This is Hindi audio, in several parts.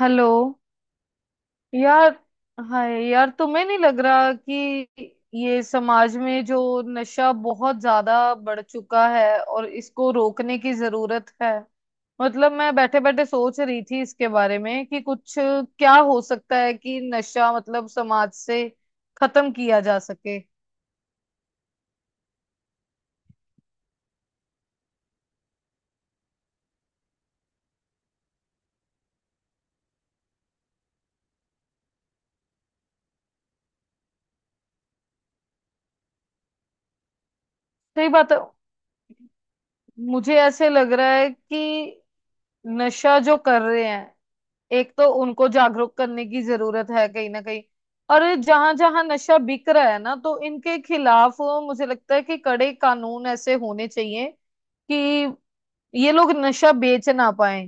हेलो यार। हाय यार, तुम्हें नहीं लग रहा कि ये समाज में जो नशा बहुत ज्यादा बढ़ चुका है और इसको रोकने की जरूरत है। मतलब मैं बैठे बैठे सोच रही थी इसके बारे में कि कुछ क्या हो सकता है कि नशा मतलब समाज से खत्म किया जा सके। सही बात है। मुझे ऐसे लग रहा है कि नशा जो कर रहे हैं, एक तो उनको जागरूक करने की जरूरत है कहीं ना कहीं। और जहां जहां नशा बिक रहा है ना, तो इनके खिलाफ मुझे लगता है कि कड़े कानून ऐसे होने चाहिए कि ये लोग नशा बेच ना पाए।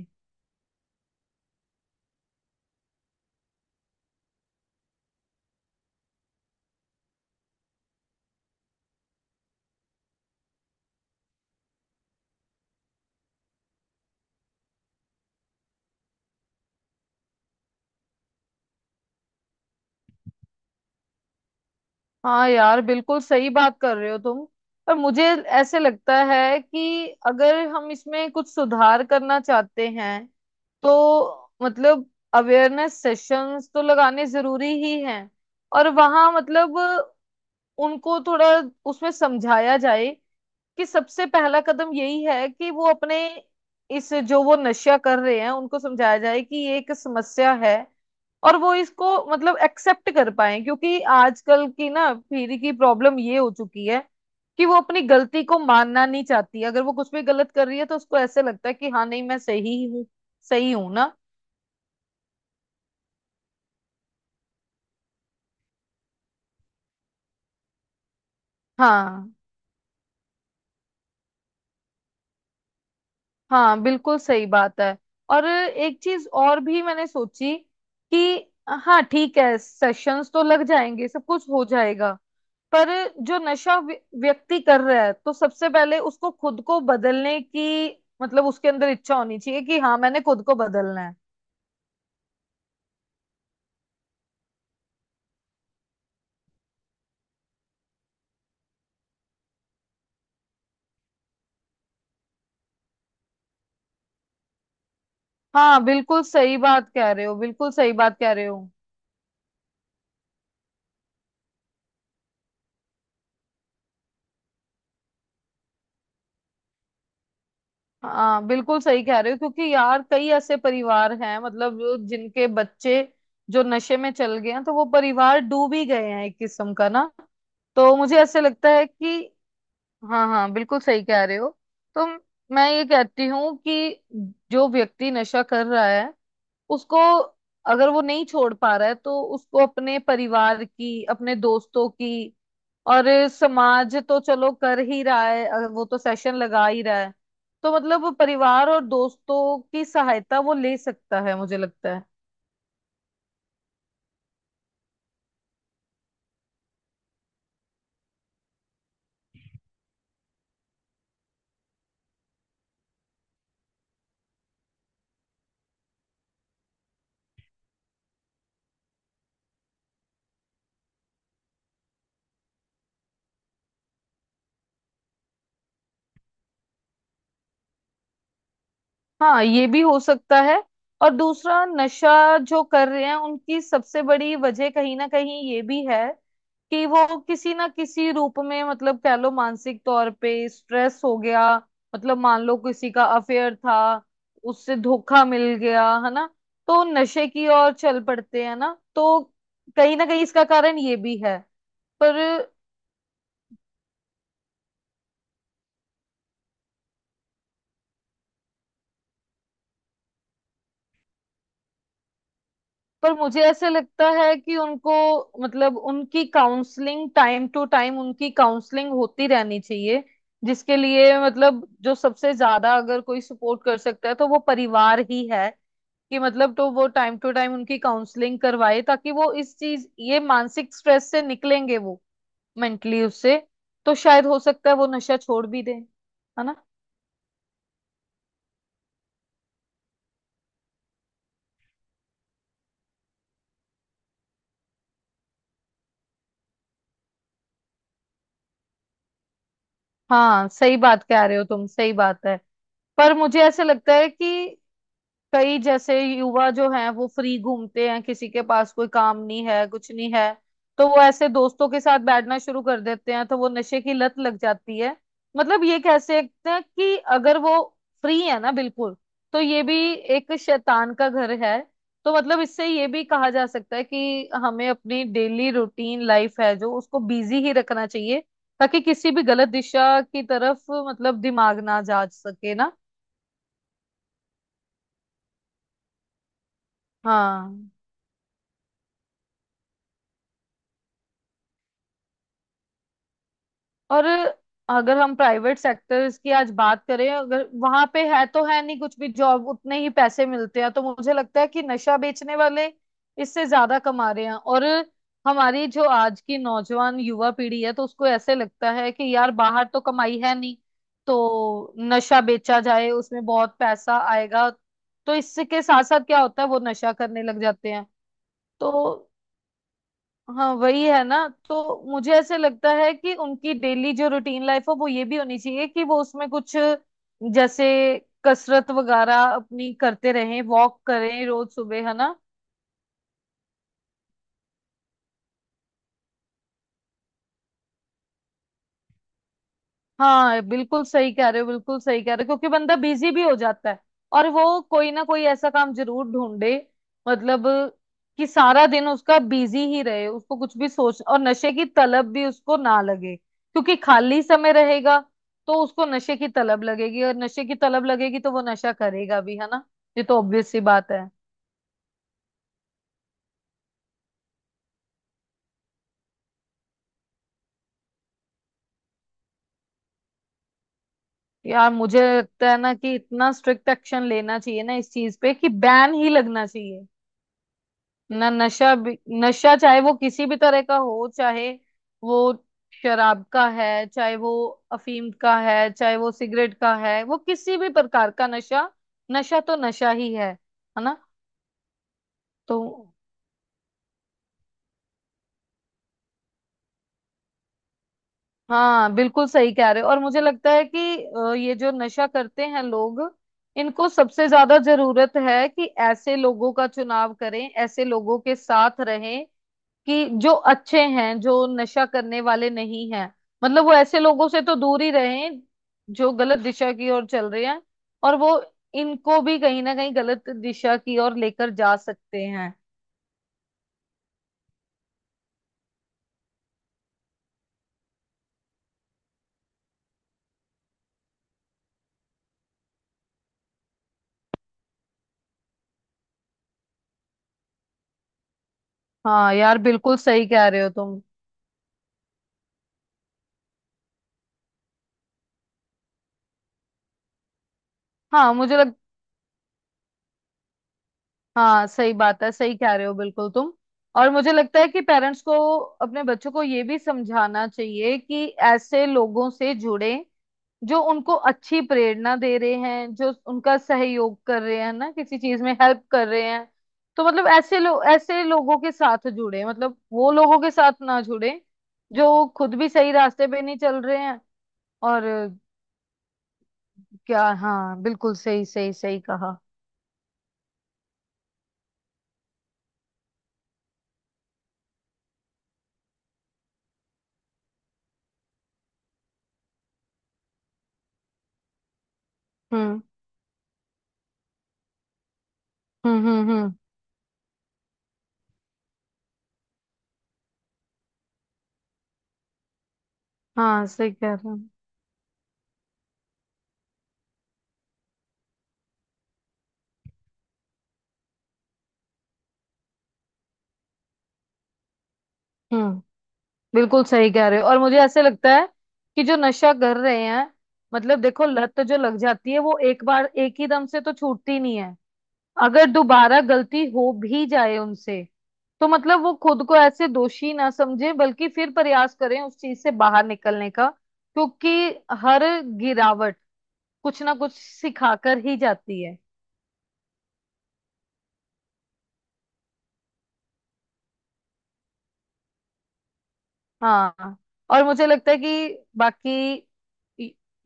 हाँ यार, बिल्कुल सही बात कर रहे हो तुम। पर मुझे ऐसे लगता है कि अगर हम इसमें कुछ सुधार करना चाहते हैं, तो मतलब अवेयरनेस सेशंस तो लगाने जरूरी ही हैं। और वहाँ मतलब उनको थोड़ा उसमें समझाया जाए कि सबसे पहला कदम यही है कि वो अपने इस जो वो नशा कर रहे हैं, उनको समझाया जाए कि ये एक समस्या है। और वो इसको मतलब एक्सेप्ट कर पाए, क्योंकि आजकल की ना पीढ़ी की प्रॉब्लम ये हो चुकी है कि वो अपनी गलती को मानना नहीं चाहती। अगर वो कुछ भी गलत कर रही है, तो उसको ऐसे लगता है कि हाँ नहीं मैं सही ही हूँ। सही हूँ ना। हाँ हाँ, बिल्कुल सही बात है। और एक चीज और भी मैंने सोची कि हाँ ठीक है, सेशंस तो लग जाएंगे, सब कुछ हो जाएगा, पर जो नशा व्यक्ति कर रहा है, तो सबसे पहले उसको खुद को बदलने की मतलब उसके अंदर इच्छा होनी चाहिए कि हाँ मैंने खुद को बदलना है। हाँ बिल्कुल सही बात कह रहे हो, बिल्कुल सही बात कह रहे हो। हाँ बिल्कुल सही कह रहे हो, क्योंकि यार कई ऐसे परिवार हैं, मतलब जो जिनके बच्चे जो नशे में चल गए हैं, तो वो परिवार डूब ही गए हैं एक किस्म का ना। तो मुझे ऐसे लगता है कि हाँ हाँ, बिल्कुल सही कह रहे हो। तो मैं ये कहती हूँ कि जो व्यक्ति नशा कर रहा है, उसको, अगर वो नहीं छोड़ पा रहा है तो उसको अपने परिवार की, अपने दोस्तों की और समाज तो चलो कर ही रहा है, अगर वो तो सेशन लगा ही रहा है। तो मतलब परिवार और दोस्तों की सहायता वो ले सकता है, मुझे लगता है। हाँ, ये भी हो सकता है। और दूसरा, नशा जो कर रहे हैं उनकी सबसे बड़ी वजह कहीं ना कहीं ये भी है कि वो किसी ना किसी रूप में मतलब कह लो मानसिक तौर पे स्ट्रेस हो गया। मतलब मान लो किसी का अफेयर था, उससे धोखा मिल गया है ना, तो नशे की ओर चल पड़ते हैं ना। तो कहीं ना कहीं इसका कारण ये भी है। पर पर मुझे ऐसा लगता है कि उनको मतलब उनकी काउंसलिंग, टाइम टू टाइम उनकी काउंसलिंग होती रहनी चाहिए, जिसके लिए मतलब जो सबसे ज्यादा अगर कोई सपोर्ट कर सकता है तो वो परिवार ही है। कि मतलब तो वो टाइम टू टाइम उनकी काउंसलिंग करवाए, ताकि वो इस चीज, ये मानसिक स्ट्रेस से निकलेंगे वो, मेंटली उससे। तो शायद हो सकता है वो नशा छोड़ भी दें, है ना। हाँ सही बात कह रहे हो तुम, सही बात है। पर मुझे ऐसा लगता है कि कई जैसे युवा जो हैं, वो फ्री घूमते हैं, किसी के पास कोई काम नहीं है, कुछ नहीं है। तो वो ऐसे दोस्तों के साथ बैठना शुरू कर देते हैं, तो वो नशे की लत लग जाती है। मतलब ये कह सकते हैं कि अगर वो फ्री है ना बिल्कुल, तो ये भी एक शैतान का घर है। तो मतलब इससे ये भी कहा जा सकता है कि हमें अपनी डेली रूटीन लाइफ है, जो उसको बिजी ही रखना चाहिए, ताकि किसी भी गलत दिशा की तरफ मतलब दिमाग ना जा सके ना। हाँ। और अगर हम प्राइवेट सेक्टर्स की आज बात करें, अगर वहां पे है तो है नहीं, कुछ भी जॉब उतने ही पैसे मिलते हैं, तो मुझे लगता है कि नशा बेचने वाले इससे ज्यादा कमा रहे हैं। और हमारी जो आज की नौजवान युवा पीढ़ी है, तो उसको ऐसे लगता है कि यार बाहर तो कमाई है नहीं, तो नशा बेचा जाए, उसमें बहुत पैसा आएगा। तो इसके साथ साथ क्या होता है, वो नशा करने लग जाते हैं। तो हाँ वही है ना, तो मुझे ऐसे लगता है कि उनकी डेली जो रूटीन लाइफ हो, वो ये भी होनी चाहिए कि वो उसमें कुछ जैसे कसरत वगैरह अपनी करते रहें, वॉक करें रोज सुबह, है ना। हाँ बिल्कुल सही कह रहे हो, बिल्कुल सही कह रहे हो, क्योंकि बंदा बिजी भी हो जाता है। और वो कोई ना कोई ऐसा काम जरूर ढूंढे मतलब, कि सारा दिन उसका बिजी ही रहे, उसको कुछ भी सोच, और नशे की तलब भी उसको ना लगे, क्योंकि खाली समय रहेगा तो उसको नशे की तलब लगेगी, और नशे की तलब लगेगी तो वो नशा करेगा भी, है ना। ये तो ऑब्वियस सी बात है। यार मुझे लगता है ना कि इतना स्ट्रिक्ट एक्शन लेना चाहिए ना इस चीज पे, कि बैन ही लगना चाहिए ना। नशा भी, नशा चाहे वो किसी भी तरह का हो, चाहे वो शराब का है, चाहे वो अफीम का है, चाहे वो सिगरेट का है, वो किसी भी प्रकार का नशा, नशा तो नशा ही है ना। तो हाँ बिल्कुल सही कह रहे हो। और मुझे लगता है कि ये जो नशा करते हैं लोग, इनको सबसे ज्यादा जरूरत है कि ऐसे लोगों का चुनाव करें, ऐसे लोगों के साथ रहें कि जो अच्छे हैं, जो नशा करने वाले नहीं हैं। मतलब वो ऐसे लोगों से तो दूर ही रहें जो गलत दिशा की ओर चल रहे हैं, और वो इनको भी कहीं ना कहीं गलत दिशा की ओर लेकर जा सकते हैं। हाँ यार, बिल्कुल सही कह रहे हो तुम। हाँ मुझे लगता, हाँ सही बात है, सही कह रहे हो बिल्कुल तुम। और मुझे लगता है कि पेरेंट्स को अपने बच्चों को ये भी समझाना चाहिए कि ऐसे लोगों से जुड़े जो उनको अच्छी प्रेरणा दे रहे हैं, जो उनका सहयोग कर रहे हैं ना, किसी चीज में हेल्प कर रहे हैं। तो मतलब ऐसे लोग, ऐसे लोगों के साथ जुड़े, मतलब वो लोगों के साथ ना जुड़े जो खुद भी सही रास्ते पे नहीं चल रहे हैं। और क्या, हाँ बिल्कुल सही, सही, सही कहा। हम्म, हम्म, हम्म, हम्म। हाँ सही कह रहे हो। हम्म, बिल्कुल सही कह रहे हो। और मुझे ऐसे लगता है कि जो नशा कर रहे हैं, मतलब देखो लत जो लग जाती है, वो एक बार एक ही दम से तो छूटती नहीं है। अगर दोबारा गलती हो भी जाए उनसे, तो मतलब वो खुद को ऐसे दोषी ना समझे, बल्कि फिर प्रयास करें उस चीज से बाहर निकलने का, क्योंकि हर गिरावट कुछ ना कुछ सिखाकर ही जाती है। हाँ। और मुझे लगता है कि बाकी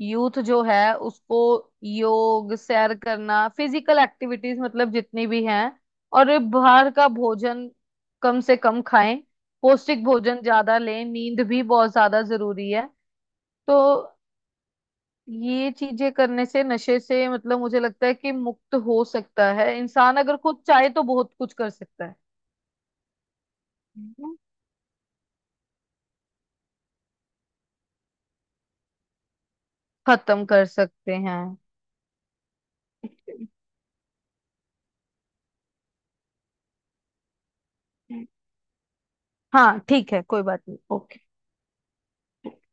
यूथ जो है उसको योग, सैर करना, फिजिकल एक्टिविटीज मतलब जितनी भी हैं, और ये बाहर का भोजन कम से कम खाएं, पौष्टिक भोजन ज्यादा लें, नींद भी बहुत ज्यादा जरूरी है। तो ये चीजें करने से नशे से मतलब मुझे लगता है कि मुक्त हो सकता है इंसान। अगर खुद चाहे तो बहुत कुछ कर सकता है, खत्म कर सकते हैं। हाँ ठीक है, कोई बात नहीं। ओके।